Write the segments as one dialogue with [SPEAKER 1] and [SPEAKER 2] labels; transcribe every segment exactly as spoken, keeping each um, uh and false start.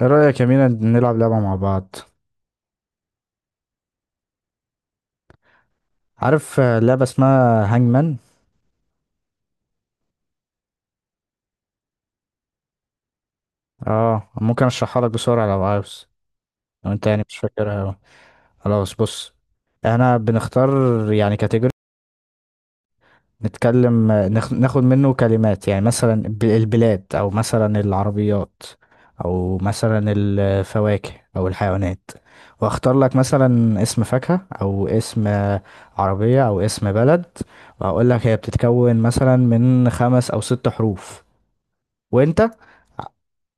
[SPEAKER 1] ايه رأيك يا مينا نلعب لعبة مع بعض؟ عارف، آه، لعبة اسمها هانجمان. اه، ممكن اشرحها لك بسرعة لو عاوز، لو انت يعني مش فاكرها أوي. خلاص بص، احنا بنختار يعني كاتيجوري، نتكلم. آه، ناخ- ناخد منه كلمات، يعني مثلا ب- البلاد، او مثلا العربيات، او مثلا الفواكه، او الحيوانات. واختار لك مثلا اسم فاكهة، او اسم آه، عربية، او اسم بلد. واقول لك هي بتتكون مثلا من خمس او ست حروف. وانت، ع-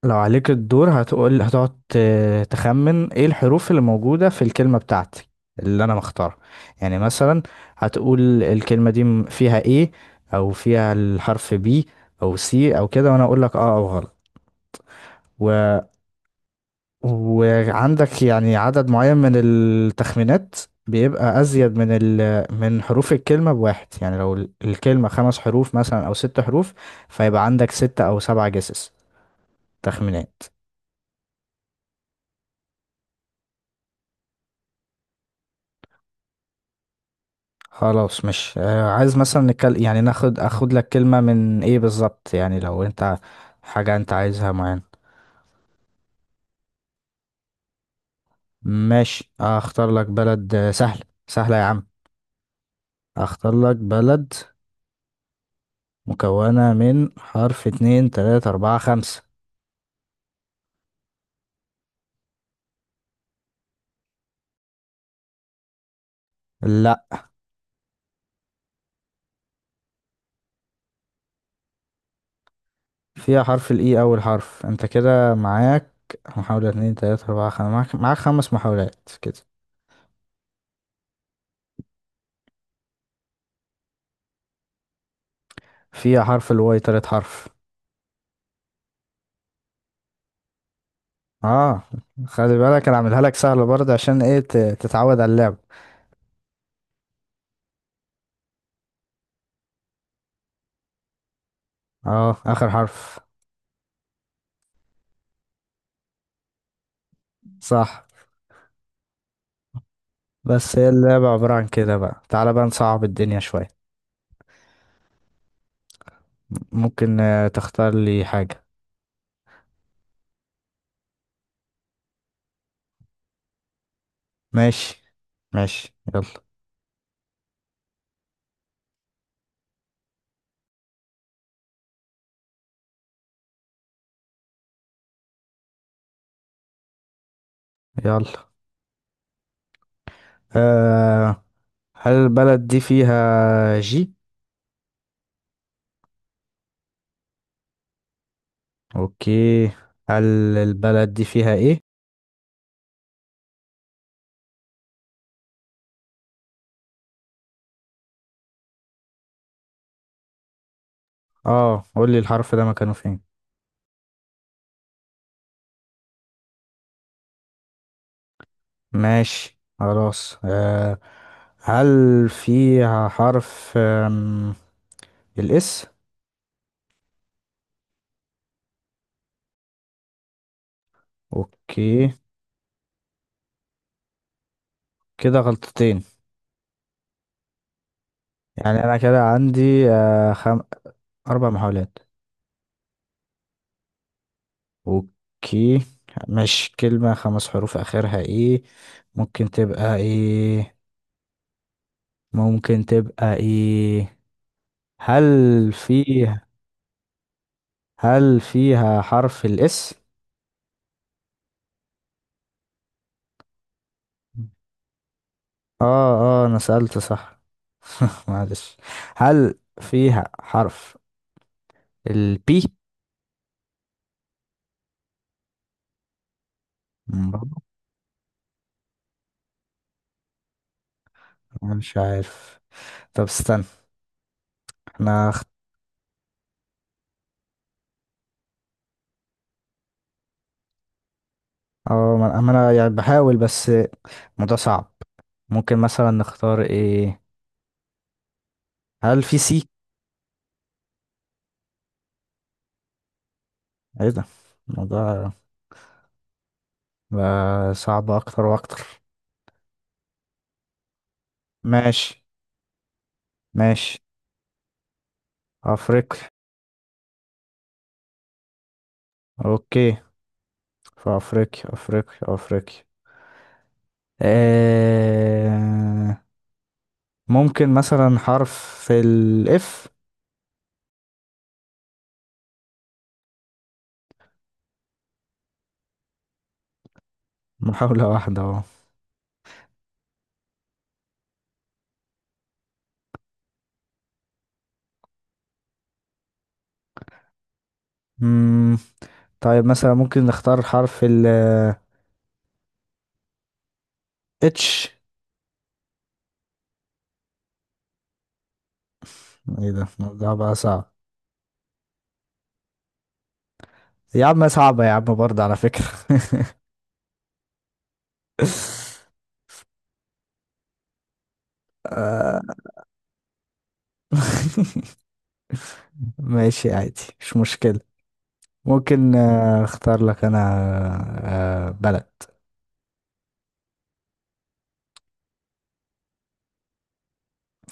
[SPEAKER 1] لو عليك الدور هتقول، هتقعد ت- تخمن ايه الحروف اللي موجودة في الكلمة بتاعتي اللي انا مختارها. يعني مثلا هتقول الكلمة دي م- فيها ايه، او فيها الحرف بي، او سي، او كده، وانا اقول لك اه او غلط. و... وعندك يعني عدد معين من التخمينات، بيبقى ازيد من ال... من حروف الكلمة بواحد. يعني لو ال- الكلمة خمس حروف مثلا او ست حروف، فيبقى عندك ستة او سبعة جسس تخمينات. خلاص، مش آه، عايز، مثلا نتكلم يعني ناخد اخد لك كلمة من ايه بالظبط. يعني لو انت حاجة انت عايزها معينة. ماشي، اختار لك بلد آه، سهلة سهلة يا عم. اختار لك بلد مكونة من حرف: اتنين، تلاتة، اربعة، خمسة. لا، فيها حرف الاي اول حرف. انت كده معاك محاولة: اتنين، تلاتة، اربعة، خمسة، معاك, معاك خمس محاولات كده. فيها حرف الواي تالت حرف. اه، خلي بالك انا عاملها لك سهلة برضه، عشان ايه ت- تتعود على اللعب. اه، اخر حرف. صح، بس هي اللعبة عبارة عن كده بقى. تعالى بقى نصعب الدنيا شوية. ممكن آه، تختار لي حاجة. ماشي. ماشي يلا، يلا. أه، هل البلد دي فيها جي؟ اوكي. هل البلد دي فيها ايه؟ اه، قول لي الحرف ده مكانه فين. ماشي، خلاص. أه، هل فيها حرف آم، الاس؟ اوكي، كده غلطتين. يعني انا كده عندي آه، خم... اربع محاولات. اوكي، مش كلمة خمس حروف، اخرها ايه؟ ممكن تبقى ايه؟ ممكن تبقى ايه؟ هل فيها؟ هل فيها حرف الاس؟ اه، اه، انا سألت صح. معلش. هل فيها حرف البي؟ مم، مش عارف. طب استنى، احنا. اه، ما ما انا يعني بحاول، بس الموضوع صعب. ممكن مثلا نختار ايه؟ هل في سي؟ ايه ده، الموضوع بقى صعب اكتر واكتر. ماشي. ماشي، افريقيا. اوكي، في افريقيا. افريقيا افريقيا آه... ممكن مثلا حرف الاف؟ محاولة واحدة اهو. مم، طيب، مثلا ممكن نختار حرف ال اتش؟ ايه ده، الموضوع بقى صعب. يا عم صعبة يا عم برضه على فكرة. آه، ماشي عادي، مش مشكلة. ممكن آه، اختار لك انا آه، بلد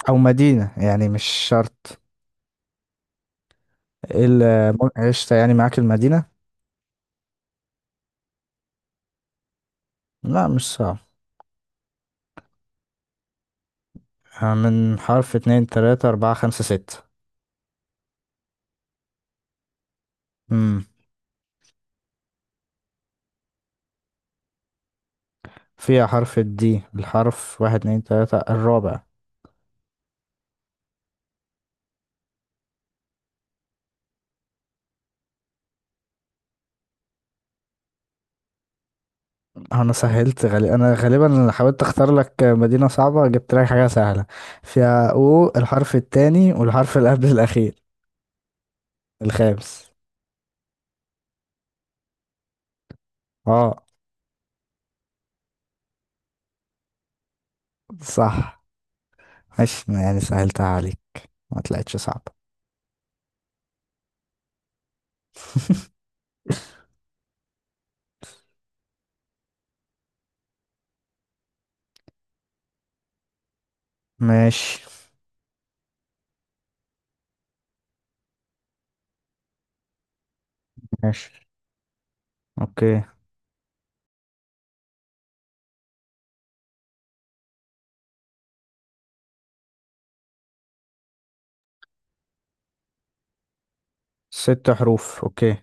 [SPEAKER 1] او مدينة، يعني مش شرط. ال- عشت يعني معاك المدينة. لا مش صعب. آه، من حرف: اتنين، تلاتة، اربعة، خمسة، ستة. امم. فيها حرف الدي، الحرف: واحد، اتنين، تلاتة، الرابع. انا سهلت غالي، انا غالبا حاولت اختار لك مدينة صعبة، جبت لك حاجة سهلة. فيها او الحرف التاني والحرف اللي قبل الاخير، الخامس. اه. صح، ماشي يعني سهلتها عليك، ما طلعتش صعبة. ماشي. ماشي، اوكي. ست حروف، اوكي.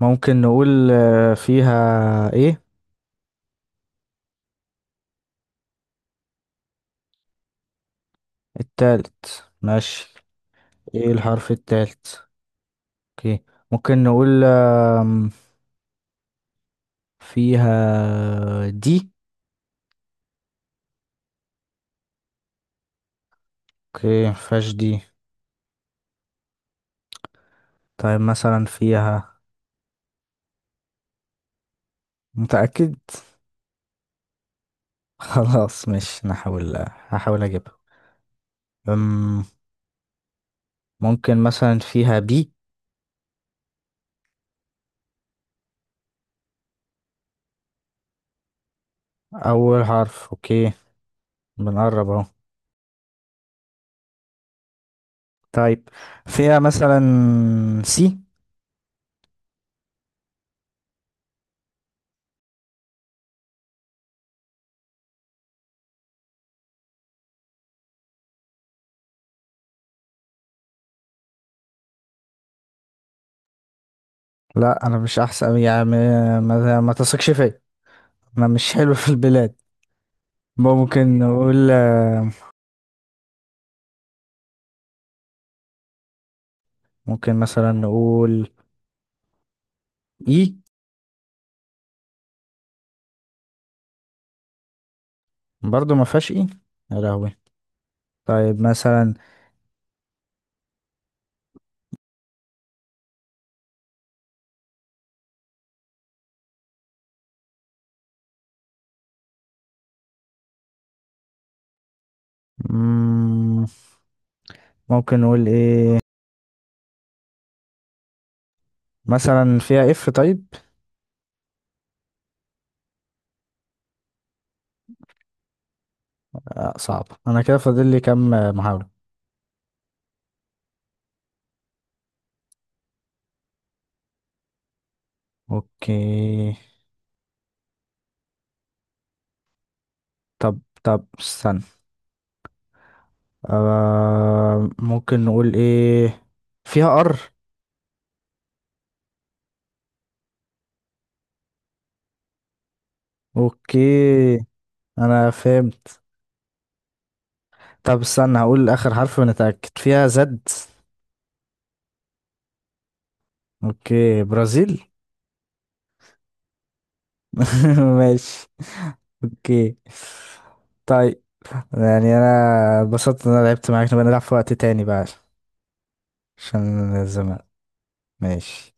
[SPEAKER 1] ممكن نقول آه، فيها ايه؟ التالت، ماشي. ايه الحرف التالت؟ اوكي. ممكن نقول آم، فيها دي؟ اوكي، مفيهاش دي. طيب مثلا فيها؟ متأكد؟ خلاص، مش نحاول، هحاول اجيبها. أم، ممكن مثلا فيها بي؟ اول حرف، اوكي. بنقرب اهو. طيب، فيها مثلا سي؟ لا انا مش احسن يعني، ما, ما ما تثقش فيا. انا مش حلو في البلاد. ممكن نقول. ممكن مثلا نقول اي؟ برضو ما فيهاش اي. يا لهوي. طيب مثلا. مم، ممكن نقول ايه مثلا؟ فيها اف طيب؟ آه صعب، انا كده فاضل لي كام آه، محاولة. اوكي. طب طب استنى. آه، ممكن نقول ايه؟ فيها ار؟ اوكي، انا فهمت. طب استنى، هقول اخر حرف ونتأكد. فيها زد؟ اوكي، برازيل. ماشي، اوكي. طيب، يعني انا اتبسطت ان انا لعبت معاك. نبقى نلعب في وقت تاني بقى عشان الزمان. ماشي.